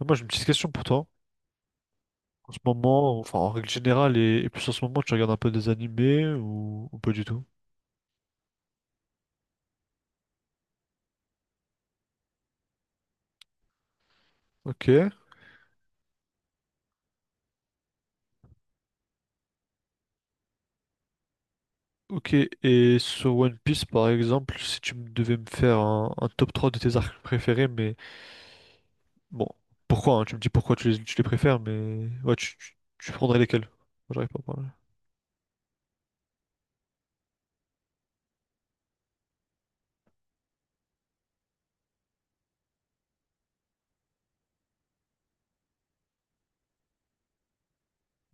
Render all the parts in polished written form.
Ah, moi, j'ai une petite question pour toi. En ce moment, enfin en règle générale, et plus en ce moment, tu regardes un peu des animés ou pas du tout? Ok. Ok, et sur One Piece, par exemple, si tu me devais me faire un top 3 de tes arcs préférés, mais bon, pourquoi, hein, tu me dis pourquoi tu les préfères, mais ouais, tu prendrais lesquels? Moi, j'arrive pas à parler.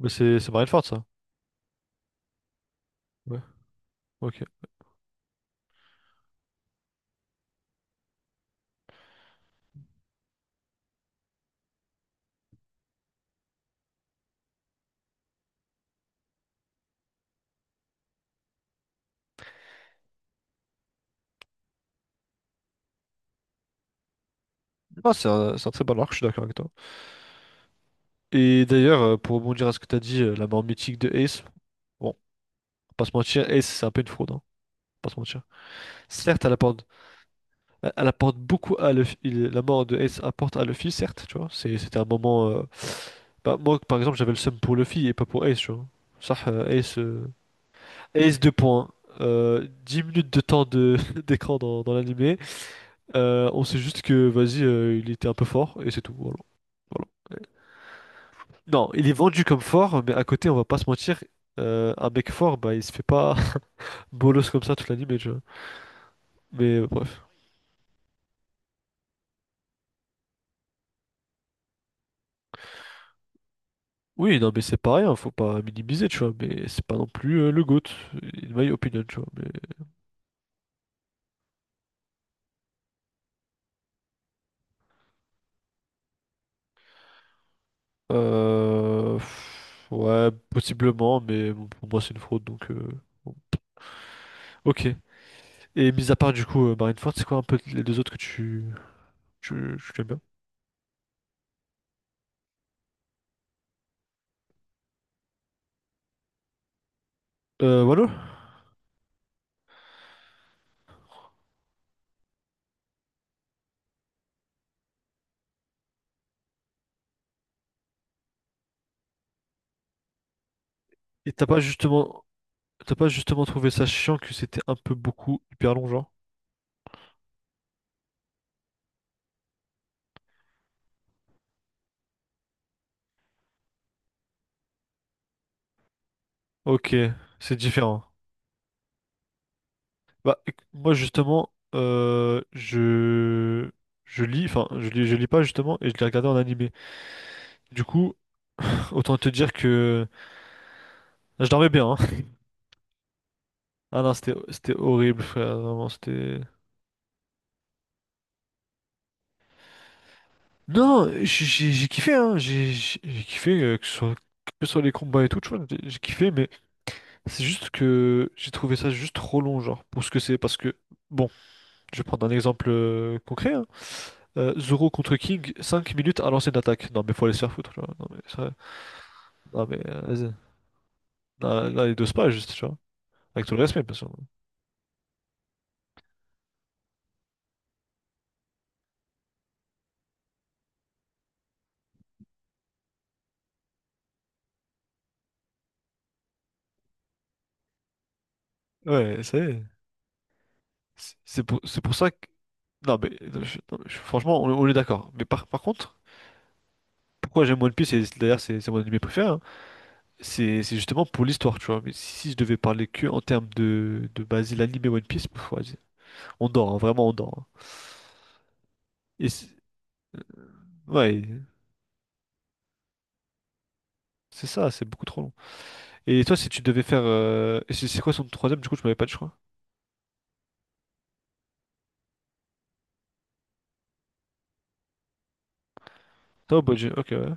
Mais c'est Marineford, ça? Ouais, ok. Ah, c'est un très bon arc, je suis d'accord avec toi. Et d'ailleurs, pour rebondir à ce que t'as dit, la mort mythique de Ace, bon, pas se mentir, Ace, c'est un peu une fraude, hein, pas se mentir. Certes, elle apporte, elle apporte beaucoup à l'office. La mort de Ace apporte à Luffy, certes, tu vois. C'était un moment. Bah, moi, par exemple, j'avais le seum pour Luffy et pas pour Ace, tu vois. Ça, Ace, Ace 2 points. 10 minutes de temps de d'écran dans l'animé. On sait juste que, vas-y, il était un peu fort et c'est tout. Voilà. Voilà. Non, il est vendu comme fort, mais à côté, on va pas se mentir, un mec fort, bah, il se fait pas bolos comme ça toute l'animé, tu vois. Mais bref. Oui, non, mais c'est pas rien, faut pas minimiser, tu vois, mais c'est pas non plus le GOAT, in my opinion, tu vois, mais... Ouais, possiblement, mais bon, pour moi, c'est une fraude, donc... bon. Ok, et mis à part, du coup, Marineford, c'est quoi un peu les deux autres que tu... tu aimes bien? Wano? Et t'as pas justement... T'as pas justement trouvé ça chiant que c'était un peu beaucoup, hyper long, genre? Ok, c'est différent. Bah, moi justement, je lis, enfin je lis pas justement et je l'ai regardé en animé. Du coup, autant te dire que je dormais bien, hein. Ah non, c'était horrible, frère. Vraiment, c'était. Non, j'ai kiffé, hein. J'ai kiffé que ce soit les combats et tout, tu vois. J'ai kiffé, mais c'est juste que j'ai trouvé ça juste trop long, genre pour ce que c'est, parce que bon, je vais prendre un exemple concret, hein. Zoro contre King, 5 minutes à lancer une attaque. Non, mais faut aller se faire foutre, tu vois. Non, mais ça. Non, mais vas-y. Non, non, il dose pas, juste, tu vois. Avec tout le respect, bien sûr. Ouais, ça y est. C'est pour ça que. Non, mais non, non, franchement, on est d'accord. Mais par contre, pourquoi j'aime One Piece, et d'ailleurs, c'est mon anime préféré, hein, c'est justement pour l'histoire, tu vois. Mais si, si je devais parler que en termes de base, l'anime et One Piece, pff, vas-y. On dort, hein, vraiment, on dort, hein. Et c'est- ouais. C'est ça, c'est beaucoup trop long. Et toi, si tu devais faire. C'est quoi son troisième, du coup, tu m'avais pas dit, je crois. Ah, Obadiah, ok, ouais.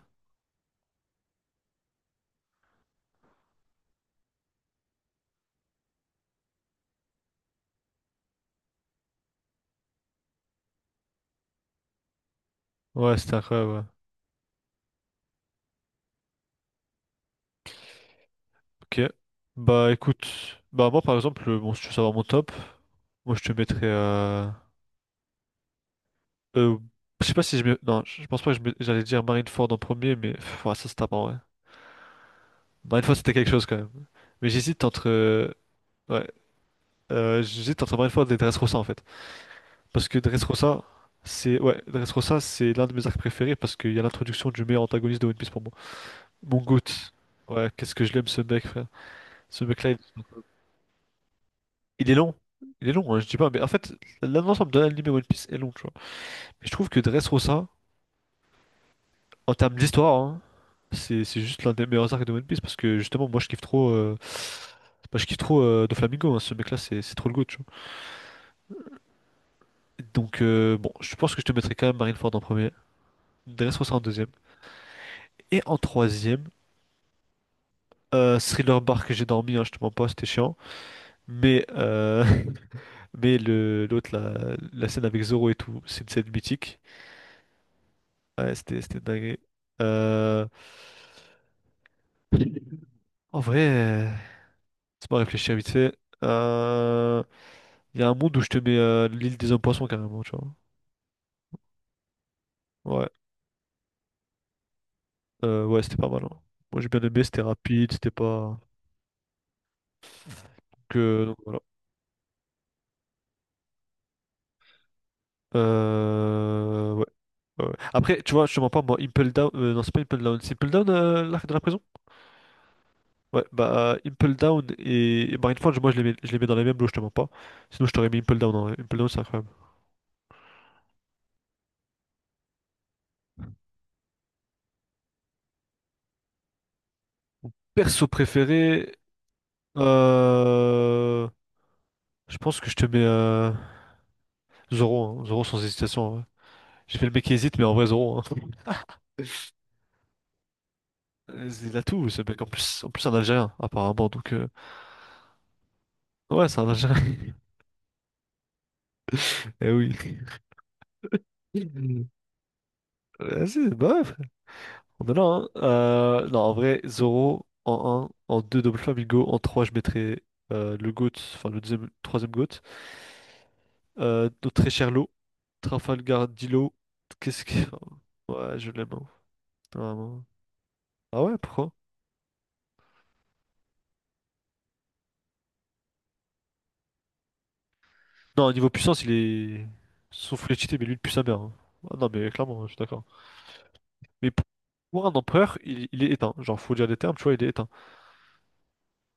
Ouais, c'était incroyable, ouais. Ok. Bah, écoute. Bah, moi, par exemple, bon, si tu veux savoir mon top, moi, je te mettrais. Euh, je sais pas si je mets. Non, je pense pas que j'allais dire Marineford en premier, mais. Pff, ouais, ça, c'est tapant, ouais. Marineford, c'était quelque chose quand même. Mais j'hésite entre. Ouais. J'hésite entre Marineford et Dressrosa, en fait. Parce que Dressrosa, c'est. Ouais, Dressrosa, c'est l'un de mes arcs préférés parce qu'il y a l'introduction du meilleur antagoniste de One Piece pour moi. Mon goutte. Ouais, qu'est-ce que je l'aime ce mec, frère. Ce mec-là, il est long. Il est long, hein, je dis pas, mais en fait, l'ensemble de l'anime One Piece est long, tu vois. Mais je trouve que Dressrosa, en termes d'histoire, hein, c'est juste l'un des meilleurs arcs de One Piece parce que justement, moi je kiffe trop. Bah, je kiffe trop Doflamingo, hein, ce mec-là, c'est trop le goût, tu vois. Donc, bon, je pense que je te mettrai quand même Marineford en premier, Dressrosa en deuxième, et en troisième, Thriller Bark que j'ai dormi, hein, je te mens pas, c'était chiant. Mais mais le l'autre, la scène avec Zoro et tout, c'est une scène mythique. Ouais, c'était dingue. Euh... En vrai, c'est pas réfléchir vite fait. Euh... Il y a un monde où je te mets l'île des hommes-poissons carrément, tu vois. Ouais, ouais, c'était pas mal, hein. Moi j'ai bien aimé, c'était rapide, c'était pas. Que... Donc voilà. Ouais. Ouais, ouais. Après, tu vois, je te mens pas, moi, Impel Down. Non, c'est pas Impel Down. C'est Impel Down, l'arc de la prison? Ouais, bah Impel Down et Mindforge, moi je les mets dans les mêmes lots, je te mens pas. Sinon je t'aurais mis Impel Down, hein. Impel Down c'est incroyable. Perso préféré, euh, je pense que je te mets Zoro, hein. Zoro sans hésitation, hein. J'ai fait le mec qui hésite, mais en vrai Zoro, hein. Il a tout ce mec, en plus c'est un Algérien apparemment, donc ouais c'est un Algérien. Eh oui. Vas-y, bah ouais, on en a un. Non, en vrai, Zoro en un en 2 Double Flamingo, en 3 je mettrais le GOAT, enfin le deuxième, troisième GOAT. Notre très cher Law, Trafalgar Dilo, qu'est-ce que... Ouais, je l'aime, hein, vraiment. Ah ouais, pourquoi? Non, au niveau puissance, il est... Son full cheaté, mais lui depuis sa mère, hein. Ah non, mais clairement, hein, je suis d'accord. Mais pour un empereur, il est éteint. Genre, faut dire les termes, tu vois, il est éteint.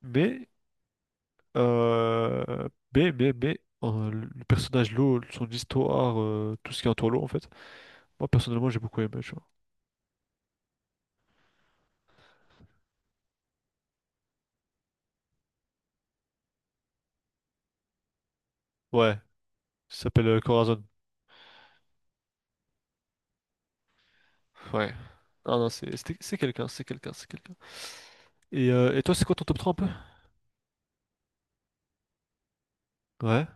Mais Euh, mais, mais, mais, le personnage, l'eau, son histoire, tout ce qui entoure l'eau, en fait. Moi, personnellement, j'ai beaucoup aimé, tu vois. Ouais, il s'appelle Corazon. Ouais. Ah non, c'est quelqu'un, c'est quelqu'un, c'est quelqu'un. Et toi, c'est quoi ton top 3 un peu? Ouais,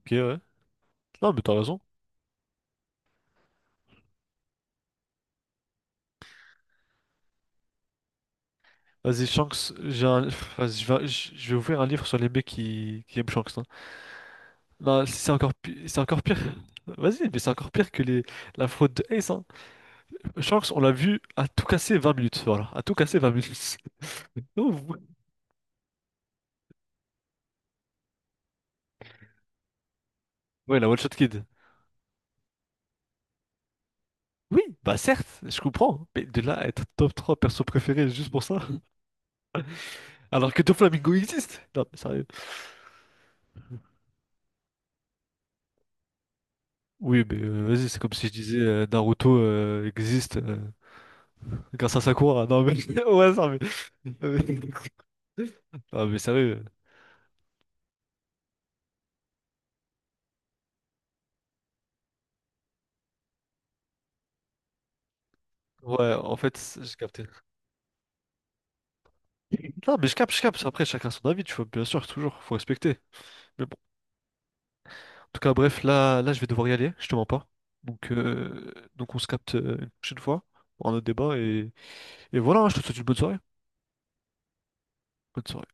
ok, ouais. Non, mais t'as raison. Vas-y, Shanks, j'ai un... Vas-y, je vais ouvrir un livre sur les mecs qui aiment Shanks, hein. Non, si c'est encore, si c'est encore pire. Vas-y, mais c'est encore pire que les... la faute de Ace, hein. Shanks, on l'a vu à tout casser 20 minutes, voilà, à tout casser 20 minutes. Non, vous- Ouais, la One Shot Kid. Oui, bah certes, je comprends, hein. Mais de là à être top 3 perso préféré juste pour ça, alors que Doflamingo existe. Non, mais sérieux. Oui, mais vas-y, c'est comme si je disais Naruto existe grâce à Sakura. Non, mais ouais, ça, mais... Non, mais sérieux. Ouais, en fait, j'ai capté. Non, mais je capte, je capte. Après, chacun son avis, tu vois, bien sûr, toujours, faut respecter. Mais bon. Tout cas, bref, là, là, je vais devoir y aller, je te mens pas. Donc on se capte une prochaine fois pour un autre débat. Et voilà, hein, je te souhaite une bonne soirée. Bonne soirée.